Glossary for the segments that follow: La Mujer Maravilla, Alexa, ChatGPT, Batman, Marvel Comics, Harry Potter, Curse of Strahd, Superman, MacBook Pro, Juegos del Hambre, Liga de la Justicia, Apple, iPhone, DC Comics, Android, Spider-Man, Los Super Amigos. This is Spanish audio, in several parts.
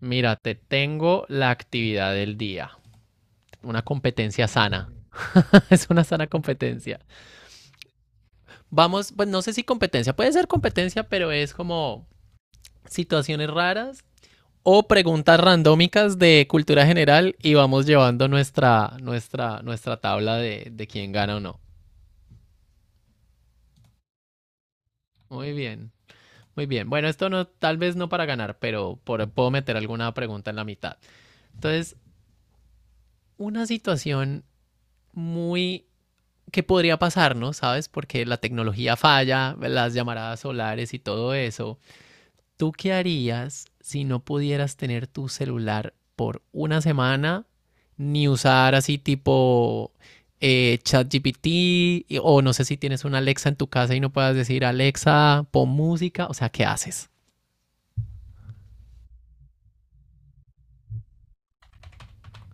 Mira, te tengo la actividad del día. Una competencia sana. Es una sana competencia. Vamos, pues no sé si competencia, puede ser competencia, pero es como situaciones raras o preguntas randómicas de cultura general y vamos llevando nuestra tabla de quién gana o no. Muy bien, muy bien. Bueno, esto no, tal vez no para ganar, pero puedo meter alguna pregunta en la mitad. Entonces, una situación muy qué podría pasarnos, ¿sabes? Porque la tecnología falla, las llamaradas solares y todo eso. ¿Tú qué harías si no pudieras tener tu celular por una semana ni usar así tipo ChatGPT o no sé si tienes una Alexa en tu casa y no puedas decir Alexa, pon música? O sea, ¿qué haces?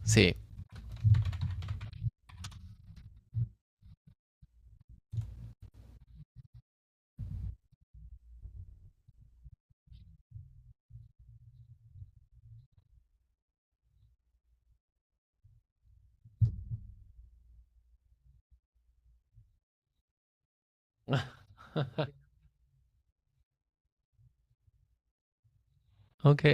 Sí. Ok,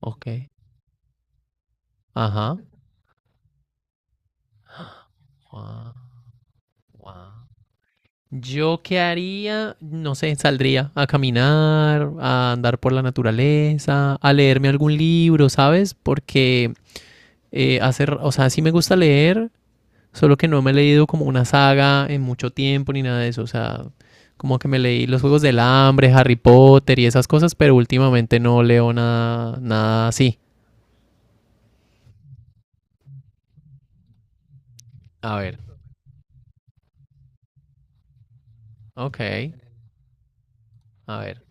ok. Ajá. Guau, guau. Yo qué haría, no sé, saldría a caminar, a andar por la naturaleza, a leerme algún libro, ¿sabes? Porque o sea, sí me gusta leer, solo que no me he leído como una saga en mucho tiempo ni nada de eso, o sea, como que me leí los Juegos del Hambre, Harry Potter y esas cosas, pero últimamente no leo nada, nada así. A ver, ok, a ver.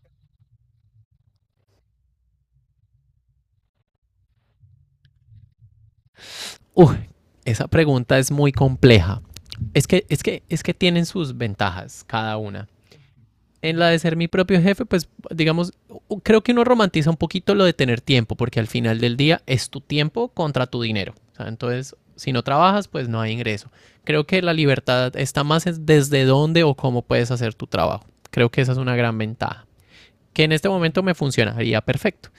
Uy, esa pregunta es muy compleja. Es que tienen sus ventajas cada una. En la de ser mi propio jefe, pues digamos, creo que uno romantiza un poquito lo de tener tiempo, porque al final del día es tu tiempo contra tu dinero. O sea, entonces, si no trabajas, pues no hay ingreso. Creo que la libertad está más desde dónde o cómo puedes hacer tu trabajo. Creo que esa es una gran ventaja que en este momento me funcionaría perfecto.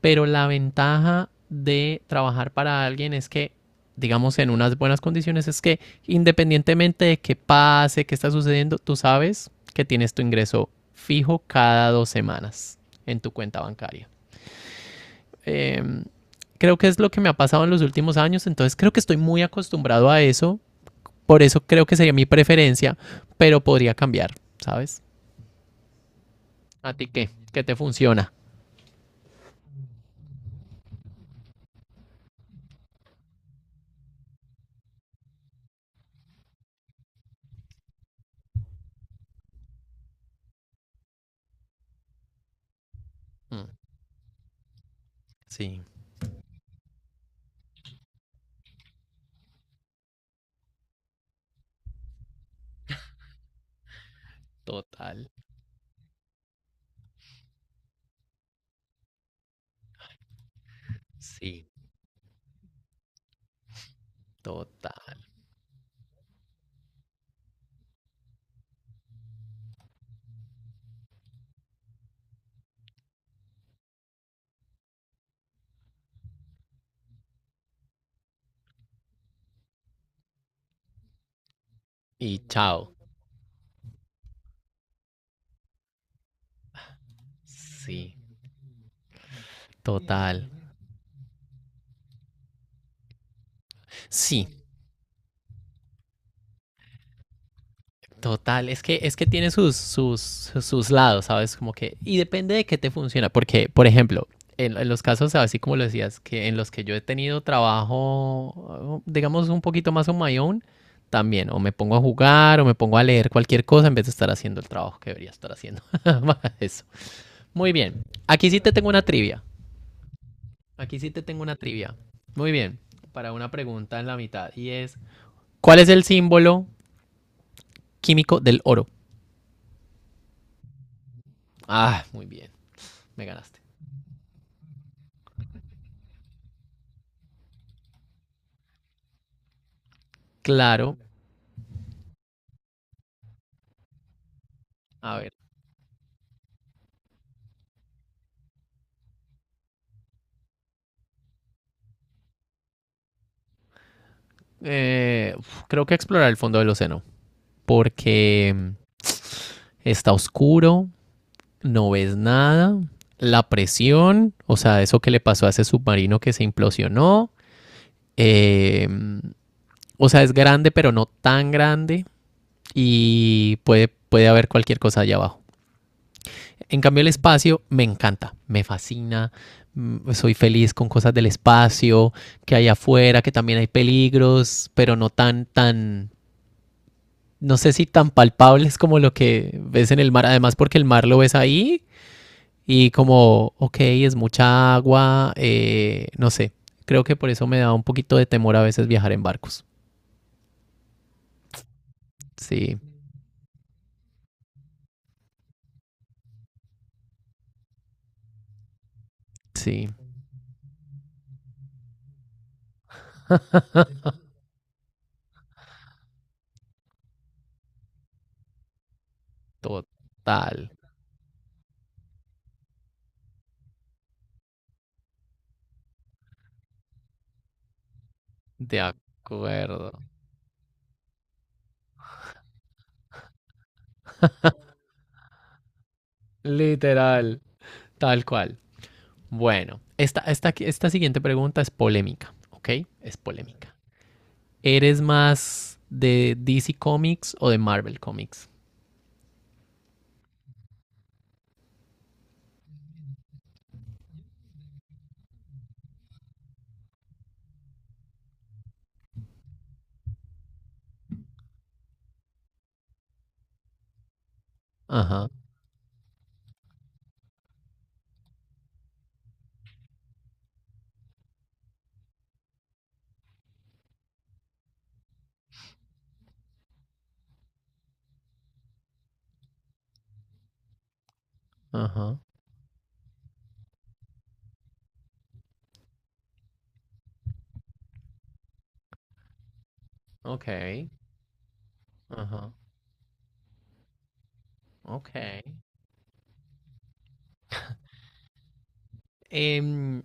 Pero la ventaja de trabajar para alguien es que, digamos, en unas buenas condiciones, es que independientemente de qué pase, qué está sucediendo, tú sabes que tienes tu ingreso fijo cada dos semanas en tu cuenta bancaria. Eh, Creo que es lo que me ha pasado en los últimos años, entonces creo que estoy muy acostumbrado a eso, por eso creo que sería mi preferencia, pero podría cambiar, ¿sabes? ¿A ti qué? ¿Qué te funciona? Mm, sí, total. Sí, total. Y chao. Sí, total. Sí, total. Es que tiene sus, sus lados, ¿sabes? Como que, y depende de qué te funciona. Porque, por ejemplo, en los casos, así como lo decías, que en los que yo he tenido trabajo, digamos, un poquito más on my own, también, o me pongo a jugar, o me pongo a leer cualquier cosa en vez de estar haciendo el trabajo que debería estar haciendo. Eso. Muy bien. Aquí sí te tengo una trivia. Aquí sí te tengo una trivia. Muy bien, para una pregunta en la mitad. Y es, ¿cuál es el símbolo químico del oro? Ah, muy bien, me ganaste. Claro, a ver. Creo que explorar el fondo del océano, porque mm, está oscuro, no ves nada, la presión, o sea, eso que le pasó a ese submarino que se implosionó, eh, mm, o sea, es grande, pero no tan grande, y puede, puede haber cualquier cosa allá abajo. En cambio, el espacio me encanta, me fascina, mm, soy feliz con cosas del espacio, que hay afuera, que también hay peligros, pero no tan, tan, no sé si tan palpables como lo que ves en el mar, además porque el mar lo ves ahí y como, ok, es mucha agua, no sé, creo que por eso me da un poquito de temor a veces viajar en barcos. Sí, sí, total, de acuerdo, literal, tal cual. Bueno, esta siguiente pregunta es polémica, ¿ok? Es polémica. ¿Eres más de DC Comics o de Marvel Comics? Ajá, ajá. Ok, ajá, ok. Em,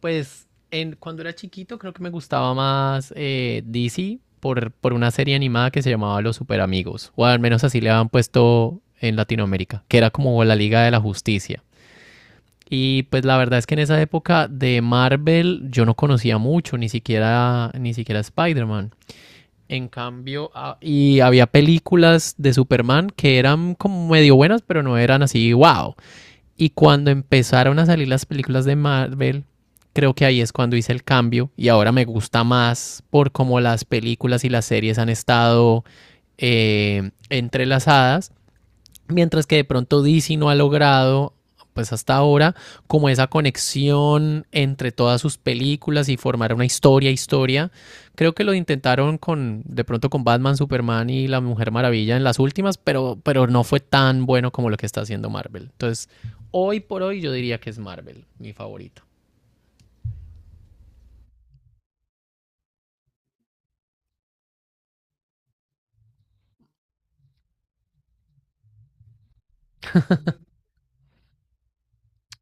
pues cuando era chiquito creo que me gustaba más DC por una serie animada que se llamaba Los Super Amigos, o al menos así le habían puesto en Latinoamérica, que era como la Liga de la Justicia. Y pues la verdad es que en esa época de Marvel yo no conocía mucho, ni siquiera Spider-Man. En cambio, ah, y había películas de Superman que eran como medio buenas, pero no eran así, wow. Y cuando empezaron a salir las películas de Marvel, creo que ahí es cuando hice el cambio y ahora me gusta más por cómo las películas y las series han estado entrelazadas. Mientras que de pronto DC no ha logrado, pues hasta ahora, como esa conexión entre todas sus películas y formar una historia, historia. Creo que lo intentaron con, de pronto con Batman, Superman y La Mujer Maravilla en las últimas, pero no fue tan bueno como lo que está haciendo Marvel. Entonces, hoy por hoy yo diría que es Marvel, mi favorito.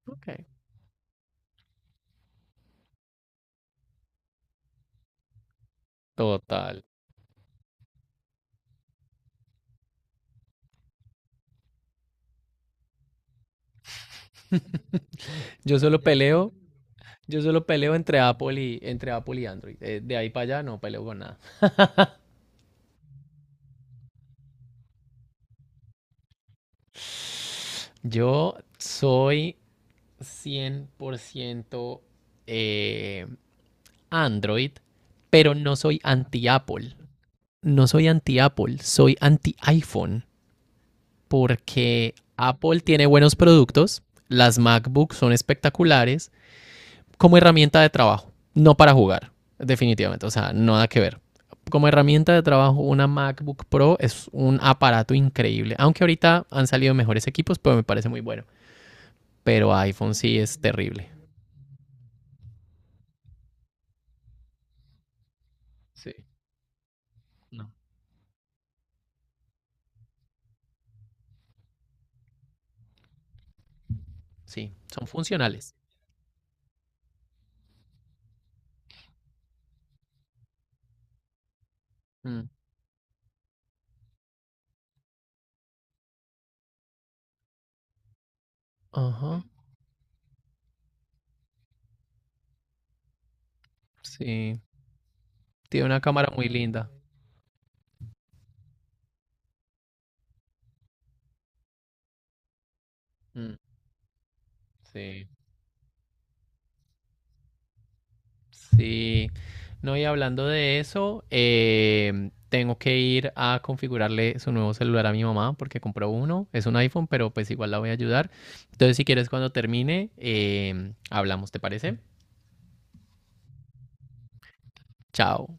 Ok. Total. Yo solo peleo, yo solo peleo entre Apple y Android. De ahí para allá no peleo con nada. Yo soy 100% eh, Android, pero no soy anti-Apple. No soy anti-Apple, soy anti-iPhone, porque Apple tiene buenos productos, las MacBooks son espectaculares como herramienta de trabajo, no para jugar, definitivamente, o sea, nada que ver. Como herramienta de trabajo, una MacBook Pro es un aparato increíble, aunque ahorita han salido mejores equipos, pero me parece muy bueno. Pero iPhone sí es terrible. Sí, no. Sí, son funcionales. Mm, ajá, mm, sí. Tiene una cámara muy linda. Mm, sí, sí. No, y hablando de eso, tengo que ir a configurarle su nuevo celular a mi mamá porque compró uno. Es un iPhone, pero pues igual la voy a ayudar. Entonces, si quieres, cuando termine, hablamos, ¿te parece? Chao.